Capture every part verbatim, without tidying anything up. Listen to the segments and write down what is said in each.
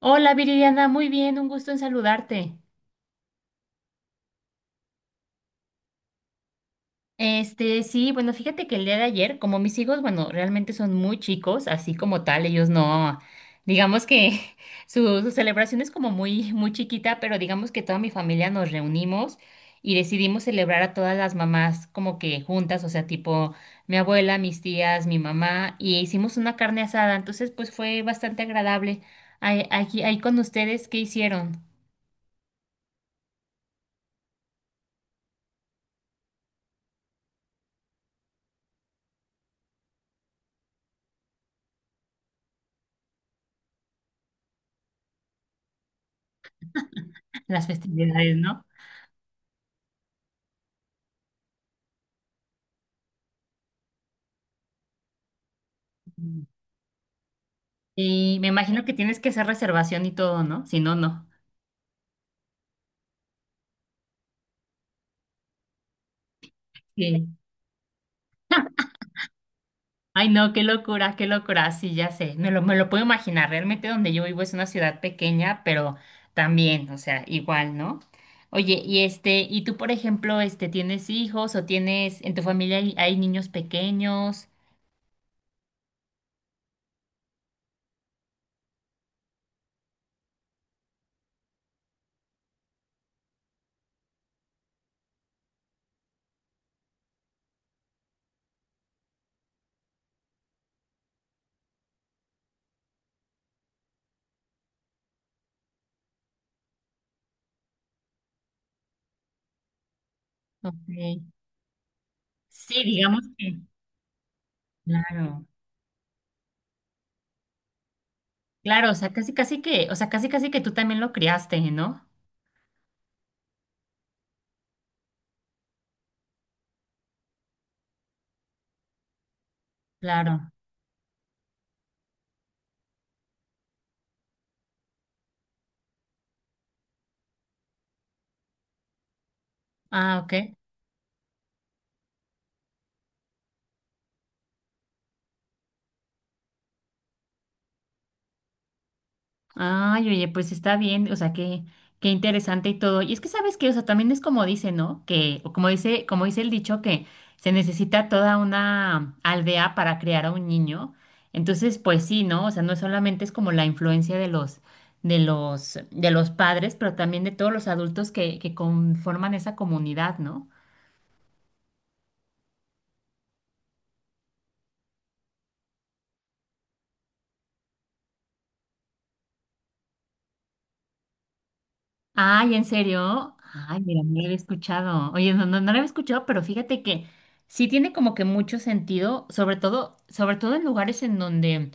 Hola Viridiana, muy bien, un gusto en saludarte. Este, sí, bueno, fíjate que el día de ayer, como mis hijos, bueno, realmente son muy chicos, así como tal, ellos no, digamos que su, su celebración es como muy, muy chiquita, pero digamos que toda mi familia nos reunimos y decidimos celebrar a todas las mamás como que juntas, o sea, tipo mi abuela, mis tías, mi mamá, y hicimos una carne asada, entonces pues fue bastante agradable. Ahí, aquí, ahí con ustedes, ¿qué hicieron? Las festividades, ¿no? Y me imagino que tienes que hacer reservación y todo, ¿no? Si no, no. Sí. Ay, no, qué locura, qué locura. Sí, ya sé. Me lo, me lo puedo imaginar. Realmente donde yo vivo es una ciudad pequeña, pero también, o sea, igual, ¿no? Oye, y este, y tú, por ejemplo, este, ¿tienes hijos o tienes, en tu familia hay, hay niños pequeños? Ok. Sí, digamos que. Claro. Claro, o sea, casi casi que, o sea, casi casi que tú también lo criaste, ¿no? Claro. Ah, ok. Ay, oye, pues está bien, o sea, qué, qué interesante y todo. Y es que sabes que, o sea, también es como dice, ¿no? Que, o como dice, como dice el dicho, que se necesita toda una aldea para criar a un niño. Entonces, pues sí, ¿no? O sea, no solamente es como la influencia de los, de los, de los padres, pero también de todos los adultos que, que conforman esa comunidad, ¿no? Ay, ¿en serio? Ay, mira, no lo había escuchado. Oye, no, no, no lo había escuchado, pero fíjate que sí tiene como que mucho sentido, sobre todo, sobre todo en lugares en donde,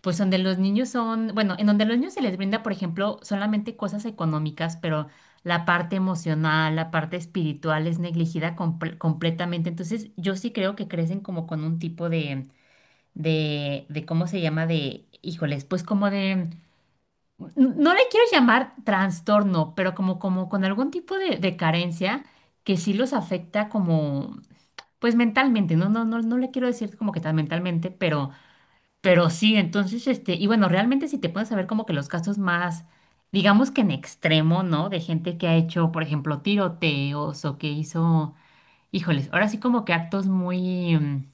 pues donde los niños son, bueno, en donde a los niños se les brinda, por ejemplo, solamente cosas económicas, pero la parte emocional, la parte espiritual es negligida comple- completamente. Entonces, yo sí creo que crecen como con un tipo de, de, de, ¿cómo se llama? De, híjoles, pues como de no le quiero llamar trastorno, pero como, como con algún tipo de, de carencia que sí los afecta como, pues mentalmente, no, no, no, no le quiero decir como que tan mentalmente, pero, pero, sí, entonces, este, y bueno, realmente si te puedes saber como que los casos más, digamos que en extremo, ¿no? De gente que ha hecho, por ejemplo, tiroteos o que hizo, híjoles, ahora sí como que actos muy, mm,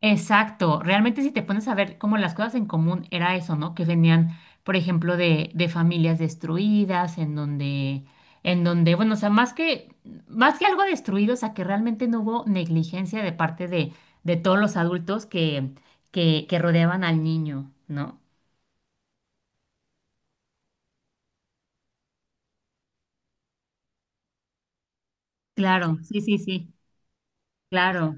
Exacto, realmente si te pones a ver como las cosas en común era eso, ¿no? Que venían, por ejemplo, de, de familias destruidas, en donde, en donde, bueno, o sea, más que, más que algo destruido, o sea, que realmente no hubo negligencia de parte de, de todos los adultos que, que, que rodeaban al niño, ¿no? Claro, sí, sí, sí, claro.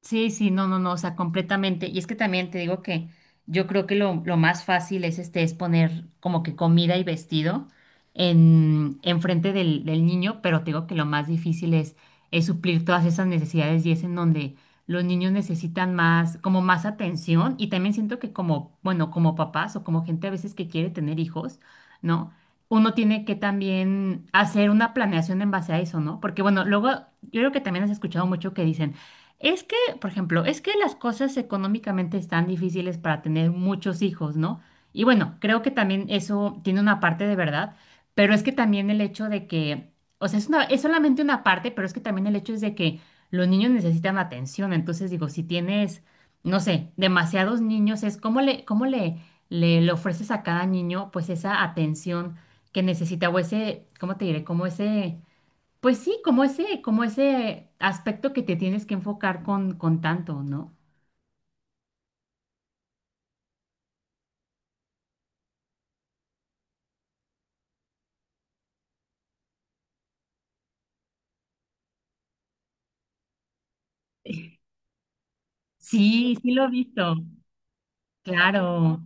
Sí, sí, no, no, no, o sea, completamente. Y es que también te digo que yo creo que lo, lo más fácil es este, es poner como que comida y vestido en, en frente del, del niño, pero te digo que lo más difícil es, es suplir todas esas necesidades y es en donde los niños necesitan más, como más atención. Y también siento que como, bueno, como papás o como gente a veces que quiere tener hijos, ¿no? Uno tiene que también hacer una planeación en base a eso, ¿no? Porque bueno, luego yo creo que también has escuchado mucho que dicen es que, por ejemplo, es que las cosas económicamente están difíciles para tener muchos hijos, ¿no? Y bueno, creo que también eso tiene una parte de verdad, pero es que también el hecho de que, o sea, es una, es solamente una parte, pero es que también el hecho es de que los niños necesitan atención. Entonces, digo, si tienes, no sé, demasiados niños, es cómo le, cómo le, le, le ofreces a cada niño, pues, esa atención que necesita, o ese, ¿cómo te diré? Como ese. Pues sí, como ese, como ese aspecto que te tienes que enfocar con, con tanto, ¿no? Sí, sí lo he visto. Claro,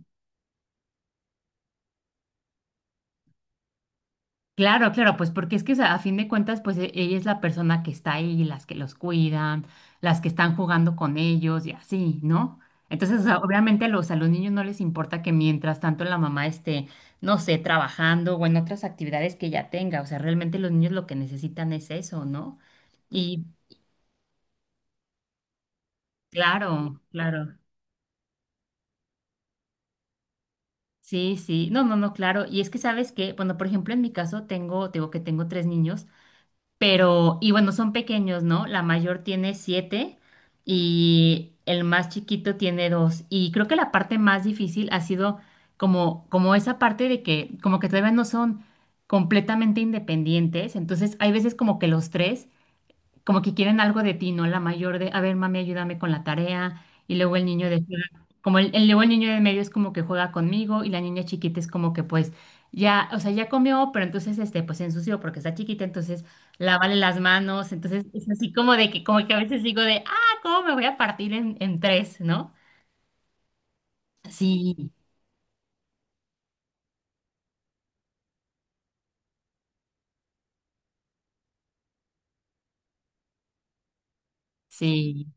claro, claro, pues porque es que o sea, a fin de cuentas, pues e- ella es la persona que está ahí, las que los cuidan, las que están jugando con ellos y así, ¿no? Entonces, o sea, obviamente a los, a los niños no les importa que mientras tanto la mamá esté, no sé, trabajando o en otras actividades que ella tenga, o sea, realmente los niños lo que necesitan es eso, ¿no? Y claro, claro. Sí, sí, no, no, no, claro. Y es que sabes que, bueno, por ejemplo, en mi caso tengo, te digo que tengo tres niños, pero, y bueno, son pequeños, ¿no? La mayor tiene siete y el más chiquito tiene dos. Y creo que la parte más difícil ha sido como, como esa parte de que, como que todavía no son completamente independientes. Entonces, hay veces como que los tres como que quieren algo de ti, ¿no? La mayor de, a ver, mami, ayúdame con la tarea. Y luego el niño de, como el, el- luego el niño de medio es como que juega conmigo y la niña chiquita es como que pues ya, o sea, ya comió, pero entonces este, pues se ensució porque está chiquita, entonces lávale las manos. Entonces es así como de que, como que a veces digo de, ah, ¿cómo me voy a partir en, en, tres, ¿no? Sí, sí,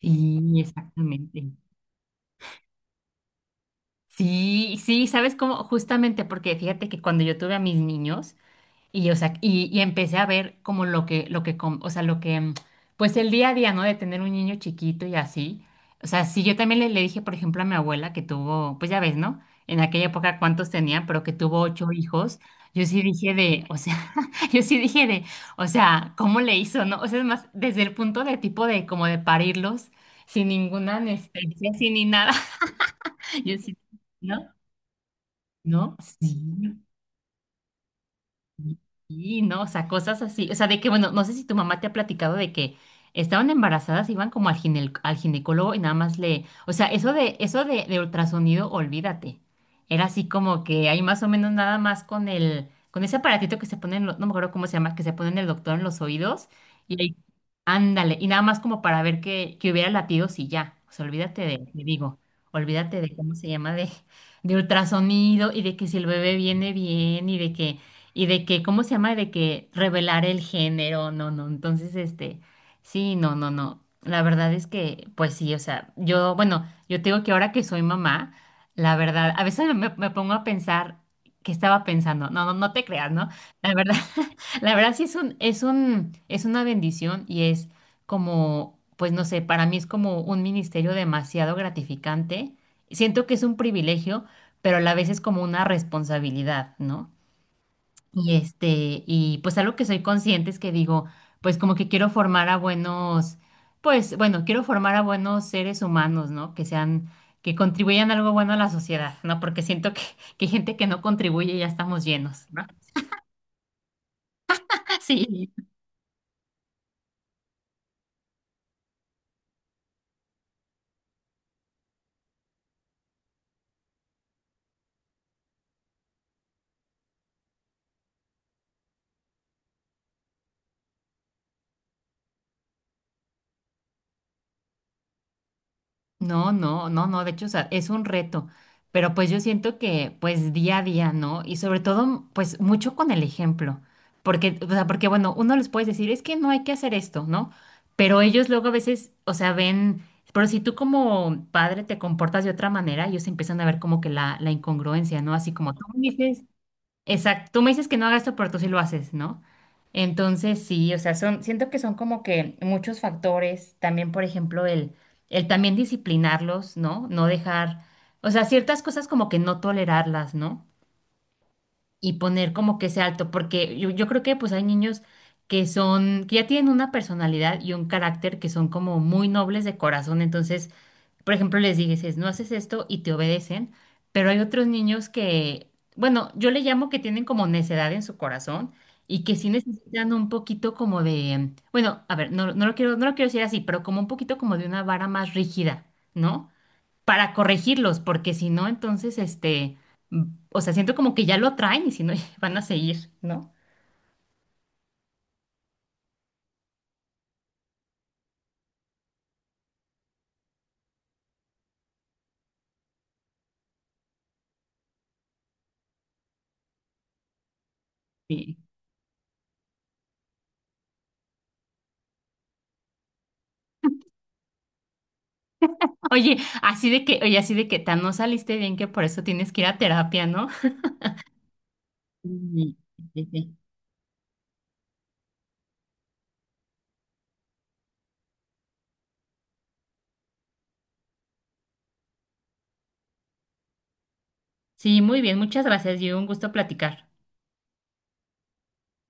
sí, exactamente. Sí, sí, ¿sabes cómo? Justamente porque fíjate que cuando yo tuve a mis niños. Y, o sea, y, y empecé a ver como lo que, lo que, com- o sea, lo que, mm, pues el día a día, ¿no? De tener un niño chiquito y así. O sea, sí, yo también le, le dije, por ejemplo, a mi abuela que tuvo, pues ya ves, ¿no? En aquella época cuántos tenía, pero que tuvo ocho hijos. Yo sí dije de, o sea, yo sí dije de, o sea, ¿cómo le hizo, no? O sea, es más, desde el punto de tipo de como de parirlos sin ninguna anestesia, sin ni nada. Yo sí, ¿no? ¿No? Sí. Y no, o sea, cosas así. O sea, de que, bueno, no sé si tu mamá te ha platicado de que estaban embarazadas, iban como al gine- al ginecólogo y nada más le. O sea, eso de, eso de, de ultrasonido, olvídate. Era así como que hay más o menos nada más con el, con ese aparatito que se pone en lo- no me acuerdo cómo se llama, que se pone en el doctor en los oídos, y ahí, ándale, y nada más como para ver que, que, hubiera latidos y ya. O sea, olvídate de, te digo, olvídate de cómo se llama de, de ultrasonido y de que si el bebé viene bien y de que y de que, ¿cómo se llama? De que revelar el género, no, no. Entonces, este, sí, no, no, no. La verdad es que, pues sí, o sea, yo, bueno, yo te digo que ahora que soy mamá, la verdad, a veces me, me pongo a pensar qué estaba pensando. No, no, no te creas, ¿no? La verdad, la verdad sí es un, es un, es una bendición y es como, pues no sé, para mí es como un ministerio demasiado gratificante. Siento que es un privilegio, pero a la vez es como una responsabilidad, ¿no? Y este, y pues algo que soy consciente es que digo, pues como que quiero formar a buenos, pues bueno, quiero formar a buenos seres humanos, ¿no? Que sean, que contribuyan algo bueno a la sociedad, ¿no? Porque siento que, que, hay gente que no contribuye y ya estamos llenos, ¿no? Sí, no, no, no, no, de hecho, o sea, es un reto, pero pues yo siento que pues día a día, ¿no? Y sobre todo, pues mucho con el ejemplo, porque, o sea, porque bueno, uno les puede decir, es que no hay que hacer esto, ¿no? Pero ellos luego a veces, o sea, ven, pero si tú como padre te comportas de otra manera, ellos empiezan a ver como que la, la incongruencia, ¿no? Así como tú me dices. Exacto, tú me dices que no hagas esto, pero tú sí lo haces, ¿no? Entonces, sí, o sea, son, siento que son como que muchos factores, también, por ejemplo, el, el también disciplinarlos, ¿no? No dejar, o sea, ciertas cosas como que no tolerarlas, ¿no? Y poner como que ese alto, porque yo, yo creo que pues hay niños que son, que ya tienen una personalidad y un carácter que son como muy nobles de corazón, entonces por ejemplo, les dices, no haces esto y te obedecen, pero hay otros niños que, bueno, yo le llamo que tienen como necedad en su corazón y que sí necesitan un poquito como de, bueno, a ver, no, no lo quiero, no lo quiero decir así, pero como un poquito como de una vara más rígida, ¿no? Para corregirlos, porque si no, entonces, este, mm, o sea, siento como que ya lo traen y si no, van a seguir, ¿no? Sí. Oye, así de que, oye, así de que tan no saliste bien que por eso tienes que ir a terapia, ¿no? Sí, sí, sí. Sí, muy bien, muchas gracias y un gusto platicar.